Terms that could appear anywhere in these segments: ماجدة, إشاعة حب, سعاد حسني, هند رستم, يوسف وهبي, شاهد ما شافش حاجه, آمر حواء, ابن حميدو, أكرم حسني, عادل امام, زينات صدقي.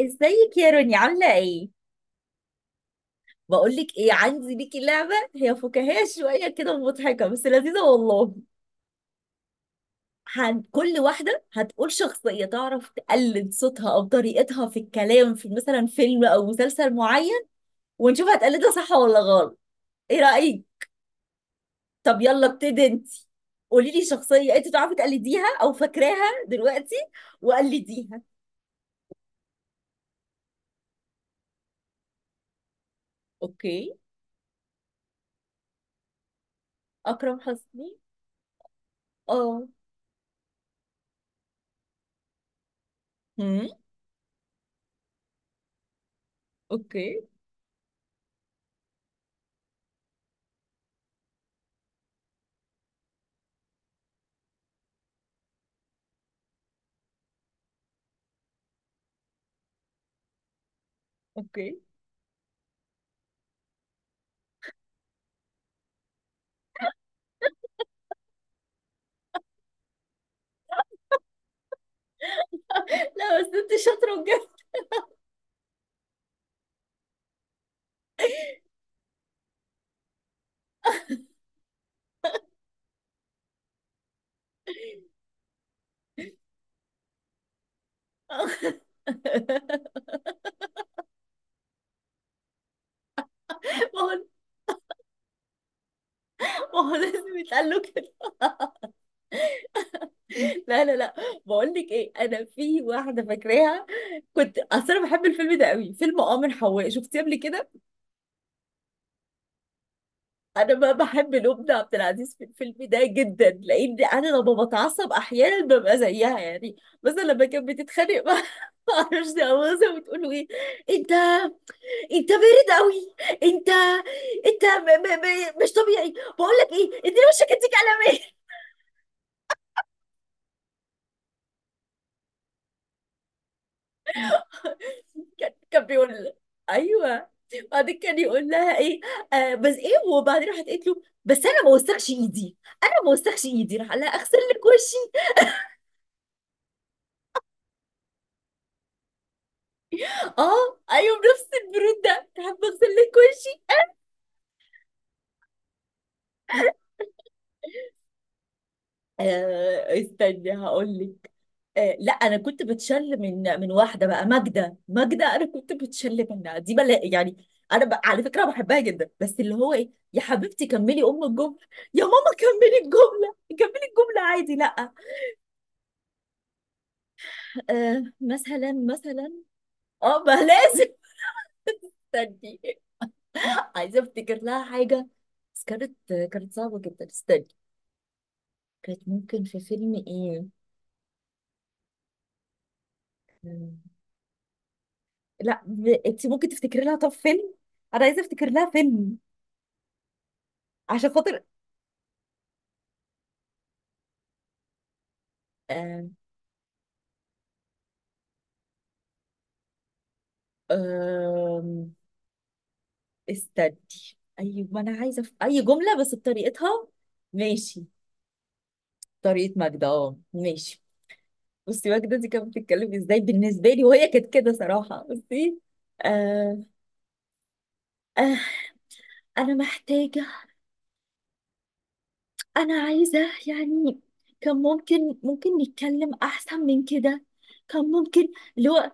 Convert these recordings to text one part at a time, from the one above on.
ازيك يا روني، عاملة ايه؟ بقولك ايه، عندي ليكي لعبة هي فكاهية شوية كده ومضحكة، بس لذيذة والله. كل واحدة هتقول شخصية تعرف تقلد صوتها أو طريقتها في الكلام في مثلا فيلم أو مسلسل معين، ونشوف هتقلدها صح ولا غلط. ايه رأيك؟ طب يلا ابتدي انتي، قوليلي شخصية انت تعرفي تقلديها أو فاكراها دلوقتي وقلديها. اوكي. أكرم حسني. اه. هم. اوكي. اوكي. لا بس انت شاطرة بجد. ما هو. ما هو لازم يتقال له كده. لا لا لا، بقول لك ايه، انا في واحده فاكراها، كنت اصل انا بحب الفيلم ده قوي، فيلم آمر حواء، شفتيه قبل كده؟ انا ما بحب الام ده عبد العزيز في الفيلم ده جدا، لان انا لما بتعصب احيانا ببقى زيها يعني. مثلا لما كانت بتتخانق مع ما اعرفش، مثلا بتقول له ايه، انت، انت بارد قوي، انت، انت مش طبيعي. بقول لك ايه، اديني وشك اديك على مين. كان بيقول، ايوه، بعدين كان يقول لها ايه، آه بس ايه، وبعدين راحت قالت له، بس انا ما وسخش ايدي، انا ما وسخش ايدي، راح قال لها اغسل لك وشي. اه ايوه، بنفس البرود ده، تحب اغسل لك وشي. آه استني هقول لك. آه لا، انا كنت بتشل من واحده بقى، ماجده ماجده، انا كنت بتشل منها دي بلا يعني. على فكره بحبها جدا، بس اللي هو ايه، يا حبيبتي كملي ام الجمله، يا ماما كملي الجمله، كملي الجمله عادي لا. آه مثلا مثلا. اه ما لازم، استني. عايزه افتكر لها حاجه، بس كانت، كانت صعبه جدا، استني. كانت ممكن في فيلم ايه. مم. لا ب... انت ممكن تفتكري لها طب فيلم، انا عايزه افتكر لها فيلم، عشان خاطر. آه. آه استني، اي، ما انا عايزه اي جمله بس بطريقتها. ماشي. طريقه ماجدة، اه ماشي. بصي، ماجدة دي كانت بتتكلم ازاي بالنسبه لي، وهي كانت كده صراحه بصي. آه. آه... انا محتاجة، انا عايزة، يعني، كان ممكن ممكن نتكلم احسن من كده، كان ممكن، اللي هو،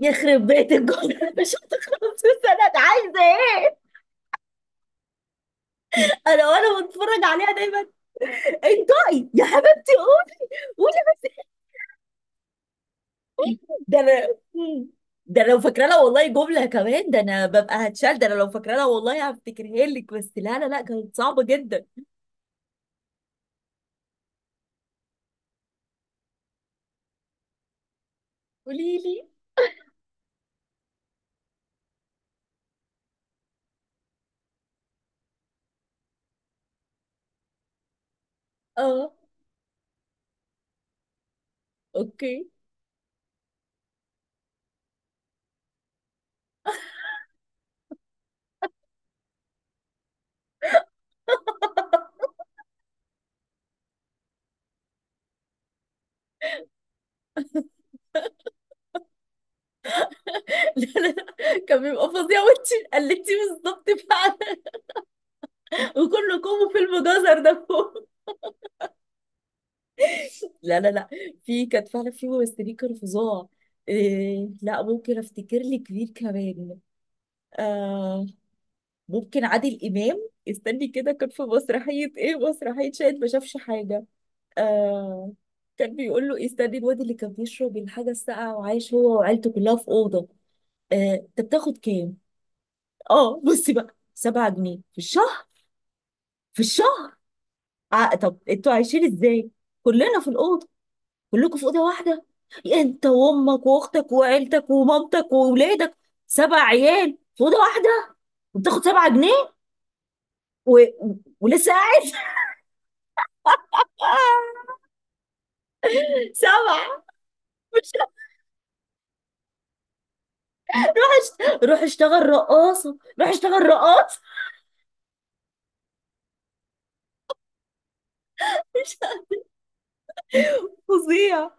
يخرب بيت الجمهور. مش هتخلص السنة انا. عايزة ايه، انا وانا بتفرج عليها دايما. انطقي يا حبيبتي قولي، قولي بس. إيه؟ ده انا، مم. ده أنا لو فاكره لها والله جمله كمان، ده انا ببقى هتشال، ده انا لو فاكره لها والله هفتكرها لك، بس لا لا لا، كانت صعبه جدا. قولي لي. اه. اوكي. لا، كان بيبقى فظيع، وانت قلتيه بالظبط فعلا، وكله كومو في المجازر ده فوق. لا لا لا، في كانت فعلا في ممثلين كانوا فظاع. إيه لا، ممكن افتكر لي كبير كمان. آه ممكن عادل امام، استني كده، كان في مسرحيه ايه، مسرحيه شاهد ما شافش حاجه. آه. كان بيقول له إيه، استني، الواد اللي كان بيشرب الحاجه الساقعه وعايش هو وعيلته كلها في اوضه. آه. انت بتاخد كام؟ اه بصي بقى، 7 جنيه في الشهر، في الشهر. طب انتوا عايشين ازاي، كلنا في الاوضه، كلكم في اوضه واحده، انت وامك واختك وعيلتك ومامتك واولادك، 7 عيال في اوضه واحده، وبتاخد 7 جنيه، ولسه قاعد. آه، سبعة. مش روح اشتغل رقاصة، روح اشتغل رقاصة. مش فظيع؟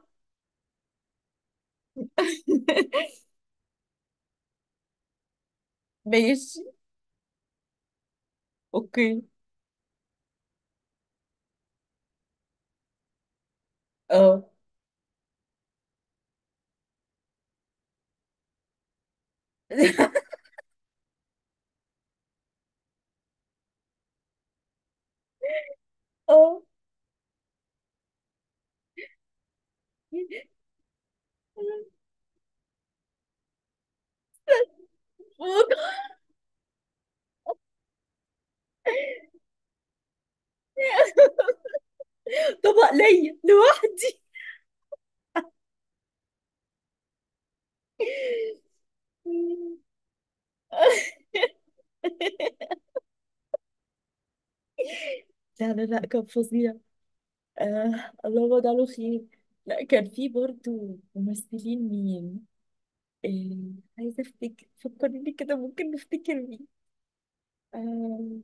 ماشي. اوكي. اه. اه طبق ليا لوحدي. لا لا لا كان فظيع. آه الله وجعله خير. لا، كان في برضو ممثلين مين، آه عايزة افتكر، فكرني لي كده، ممكن نفتكر مين. آه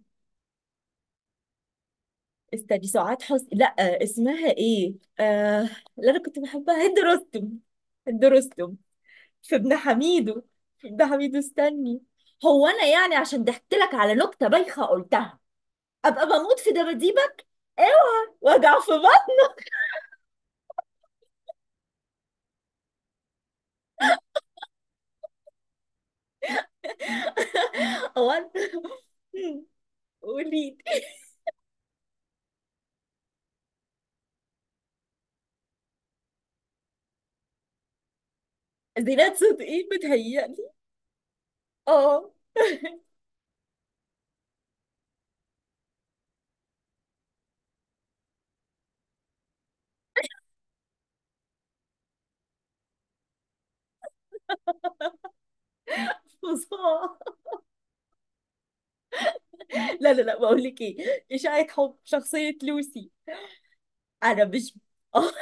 استني، سعاد حسني، لا، آه اسمها ايه، آه اللي انا كنت بحبها، هند رستم. هند رستم في ابن حميدو. في ابن حميدو استني. هو انا يعني عشان ضحكت لك على نكتة بايخة قلتها، ابقى بموت في دباديبك؟ اوعى، وجع في بطن. هو أنا- قولي. زينات صدقي بتهيألي. اه. فظاع. لا لا لا، بقول لك ايه، إشاعة حب، شخصية لوسي. انا مش اه.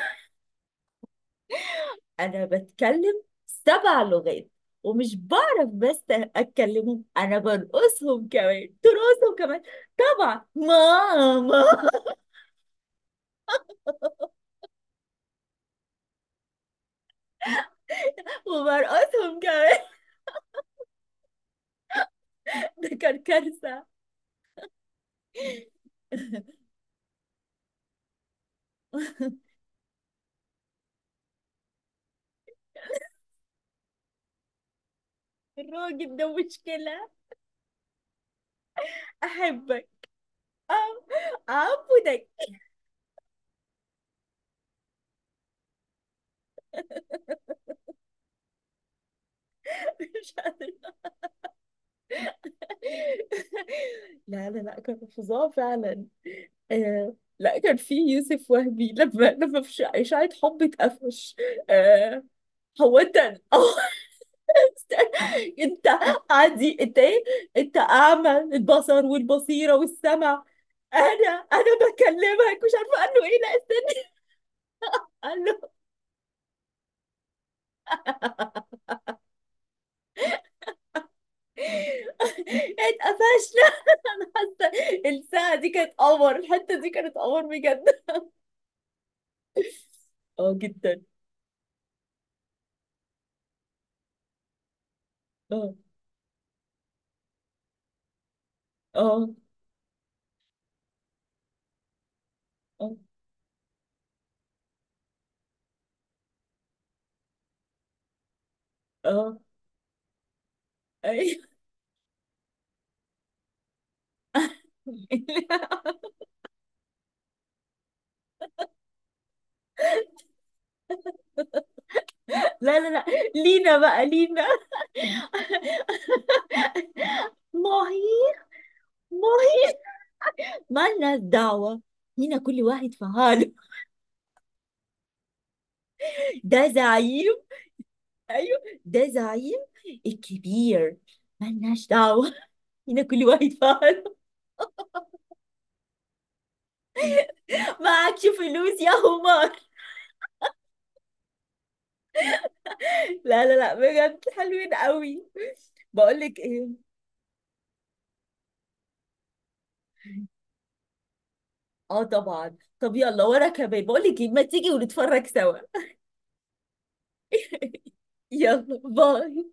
انا بتكلم 7 لغات، ومش بعرف بس اتكلمهم، انا برقصهم كمان، ترقصهم كمان، طبعا ماما، وبرقصهم كمان. ده كان كارثة. الراجل ده مشكلة. احبك، أم- اعبدك. مش قادرة. لا لا لا كان فظاع فعلا. آه لا، كان في يوسف وهبي، لما في إشاعة، حب، اتقفش. آه هو انت، أو انت، عادي انت ايه، انت اعمى البصر والبصيرة والسمع، انا بكلمك مش عارفة، قال له ايه، لا استنى، قال له اتقفشنا. انا حاسة الساعة دي كانت قمر، الحتة دي كانت قمر بجد. اه جدا. اه. اه. اه. اه. أيوة. لا لا لا. لينا بقى لينا. ماهي. ماهي. مالناش دعوة، هنا كل واحد في حاله. ده زعيم. أيوة، ده زعيم الكبير. مالناش دعوة، هنا كل واحد في حاله. معكش فلوس يا همار. لا لا لا، بجد حلوين قوي. بقول لك ايه، اه طبعا، طب يلا وراك يا بيه، بقول لك ايه، ما تيجي ونتفرج سوا. يلا باي.